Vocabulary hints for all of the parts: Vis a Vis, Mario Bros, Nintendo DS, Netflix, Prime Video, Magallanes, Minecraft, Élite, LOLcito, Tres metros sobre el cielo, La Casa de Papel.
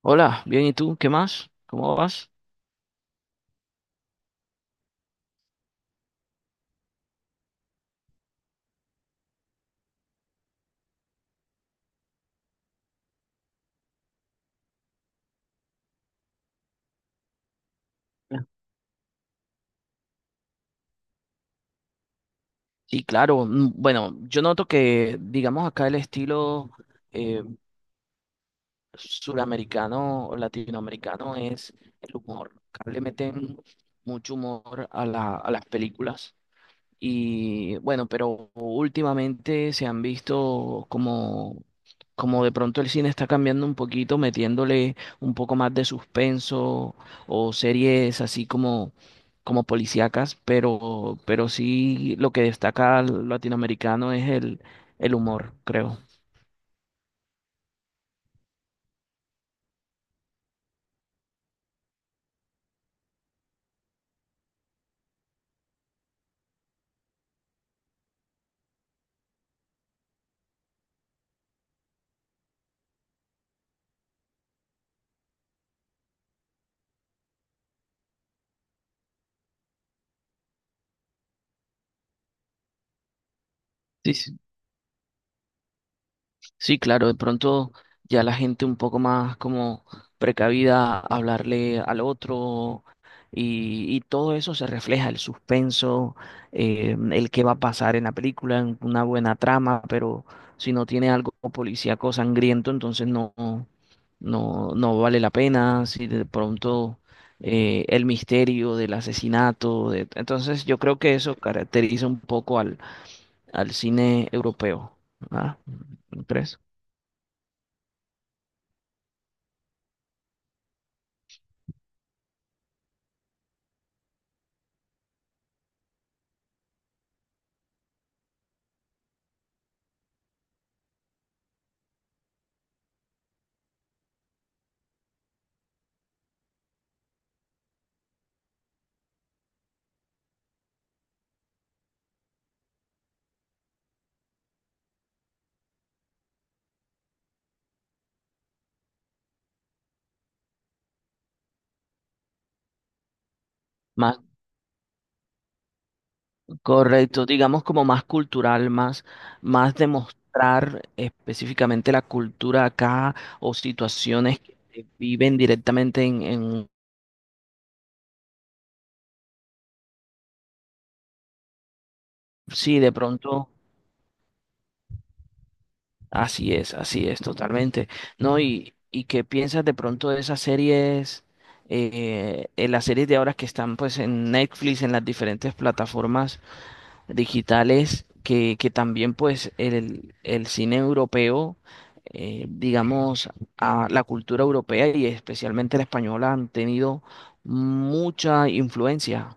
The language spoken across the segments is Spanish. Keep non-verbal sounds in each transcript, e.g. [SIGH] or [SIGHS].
Hola, bien, ¿y tú? ¿Qué más? ¿Cómo vas? Ah. Sí, claro. Bueno, yo noto que, digamos, acá el estilo eh, suramericano o latinoamericano es el humor. Acá le meten mucho humor a a las películas. Y bueno, pero últimamente se han visto como, como de pronto el cine está cambiando un poquito, metiéndole un poco más de suspenso o series así como, como policíacas, pero sí lo que destaca al latinoamericano es el humor, creo. Sí, sí. Sí, claro, de pronto ya la gente un poco más como precavida, hablarle al otro y todo eso se refleja, el suspenso, el qué va a pasar en la película, en una buena trama, pero si no tiene algo policíaco sangriento, entonces no vale la pena, si de pronto el misterio del asesinato, entonces yo creo que eso caracteriza un poco al cine europeo, ¿verdad? ¿No crees? Más. Correcto, digamos como más cultural, más, más demostrar específicamente la cultura acá o situaciones que se viven directamente en... Sí, de pronto, así es, totalmente. ¿No? ¿Y qué piensas de pronto de esas series, en las series de ahora que están pues en Netflix, en las diferentes plataformas digitales que también pues el cine europeo, digamos, a la cultura europea y especialmente la española han tenido mucha influencia.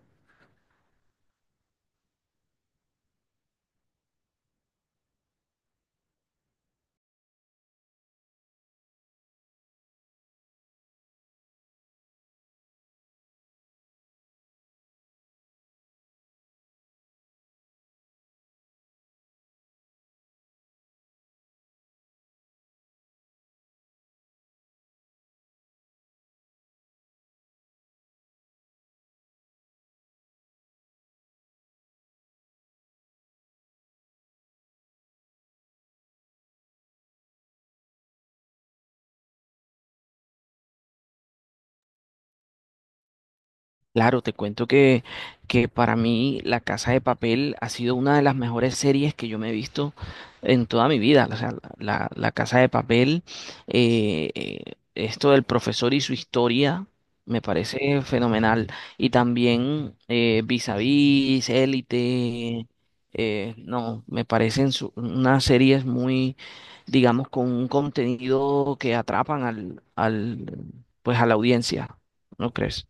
Claro, te cuento que para mí La Casa de Papel ha sido una de las mejores series que yo me he visto en toda mi vida. O sea, la Casa de Papel, esto del profesor y su historia, me parece fenomenal. Y también Vis a Vis, Élite, no, me parecen unas series muy, digamos, con un contenido que atrapan pues a la audiencia, ¿no crees?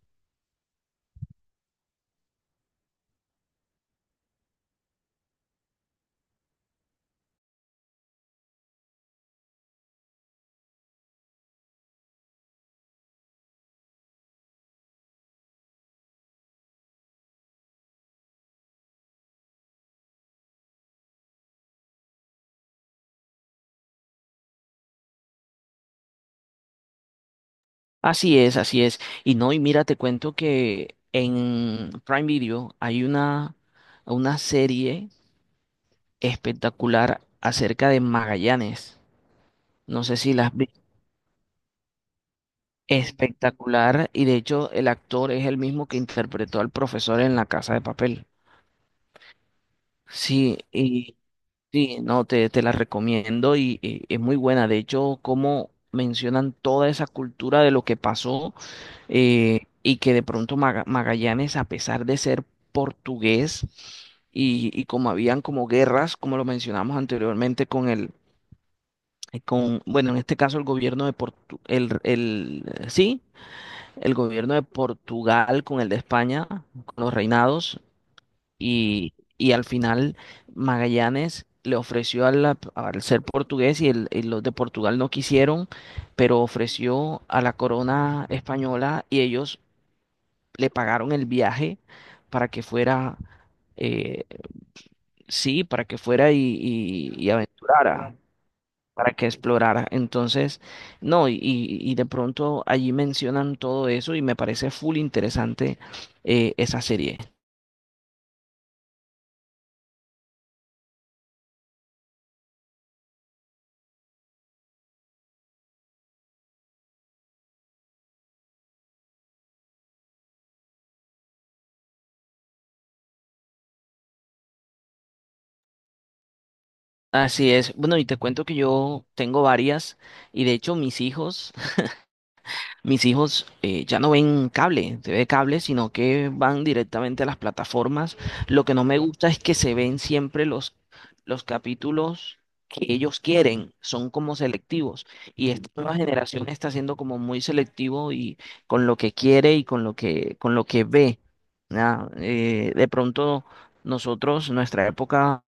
Así es, así es. Y no, y mira, te cuento que en Prime Video hay una serie espectacular acerca de Magallanes. No sé si la has visto. Espectacular. Y de hecho, el actor es el mismo que interpretó al profesor en La Casa de Papel. Sí, y sí, no, te la recomiendo y es muy buena. De hecho, como mencionan toda esa cultura de lo que pasó, y que de pronto Magallanes, a pesar de ser portugués, y como habían como guerras, como lo mencionamos anteriormente con con, bueno, en este caso el gobierno de Portu, el, sí, el gobierno de Portugal con el de España, con los reinados, y al final Magallanes le ofreció a la al ser portugués y los de Portugal no quisieron, pero ofreció a la corona española y ellos le pagaron el viaje para que fuera, eh, sí, para que fuera y aventurara, para que explorara. Entonces, no, y de pronto allí mencionan todo eso y me parece full interesante esa serie. Así es. Bueno, y te cuento que yo tengo varias y de hecho mis hijos... Mis hijos ya no ven cable, se ve cable, sino que van directamente a las plataformas. Lo que no me gusta es que se ven siempre los capítulos que ellos quieren, son como selectivos. Y esta nueva generación está siendo como muy selectivo y con lo que quiere y con lo con lo que ve. ¿Ya? De pronto nosotros, nuestra época,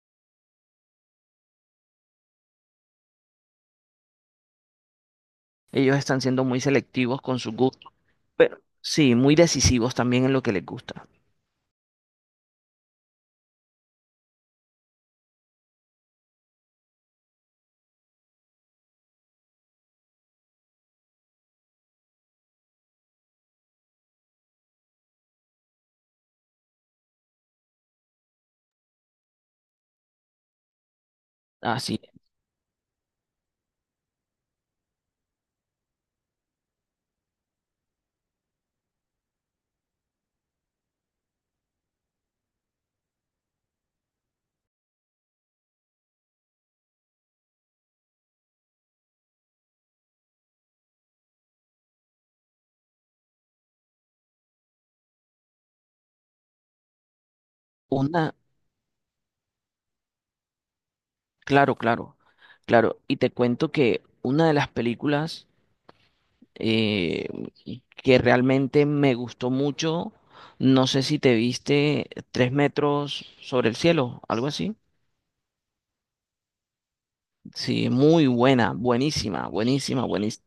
ellos están siendo muy selectivos con sus gustos, pero sí, muy decisivos también en lo que les gusta. Así, una. Claro, claro, claro. Y te cuento que una de las películas eh, que realmente me gustó mucho, no sé si te viste Tres metros sobre el cielo, algo así. Sí, muy buena, buenísima, buenísima, buenísima.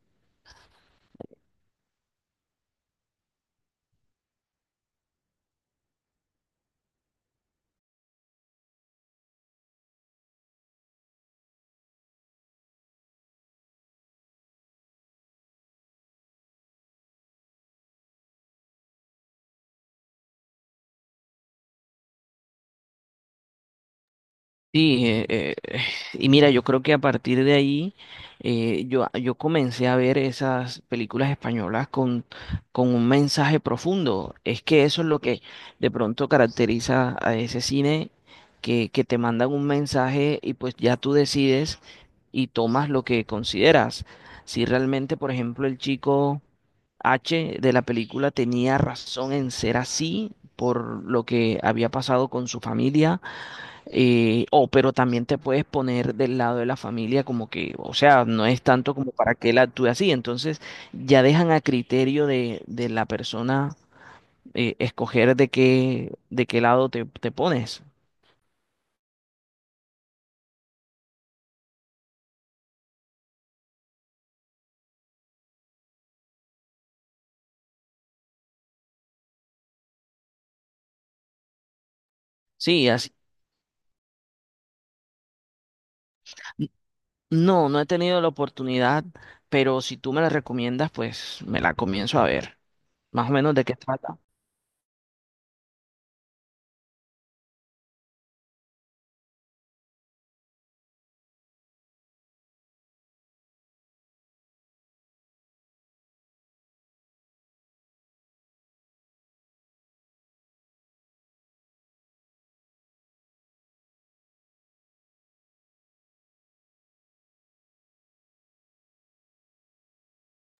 Sí, [SIGHS] y mira, yo creo que a partir de ahí, yo comencé a ver esas películas españolas con un mensaje profundo. Es que eso es lo que de pronto caracteriza a ese cine, que te mandan un mensaje y pues ya tú decides y tomas lo que consideras. Si realmente, por ejemplo, el chico H de la película tenía razón en ser así por lo que había pasado con su familia, o pero también te puedes poner del lado de la familia como que, o sea, no es tanto como para que él actúe así. Entonces ya dejan a criterio de la persona, escoger de qué lado te pones. Sí, así. N- No, no he tenido la oportunidad, pero si tú me la recomiendas, pues me la comienzo a ver. Más o menos de qué trata.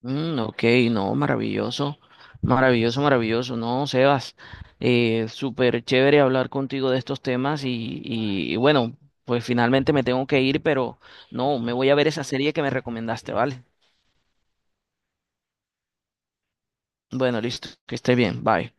Mm, ok, no, maravilloso, maravilloso, maravilloso, no, Sebas, súper chévere hablar contigo de estos temas y bueno, pues finalmente me tengo que ir, pero no, me voy a ver esa serie que me recomendaste, ¿vale? Bueno, listo, que esté bien, bye.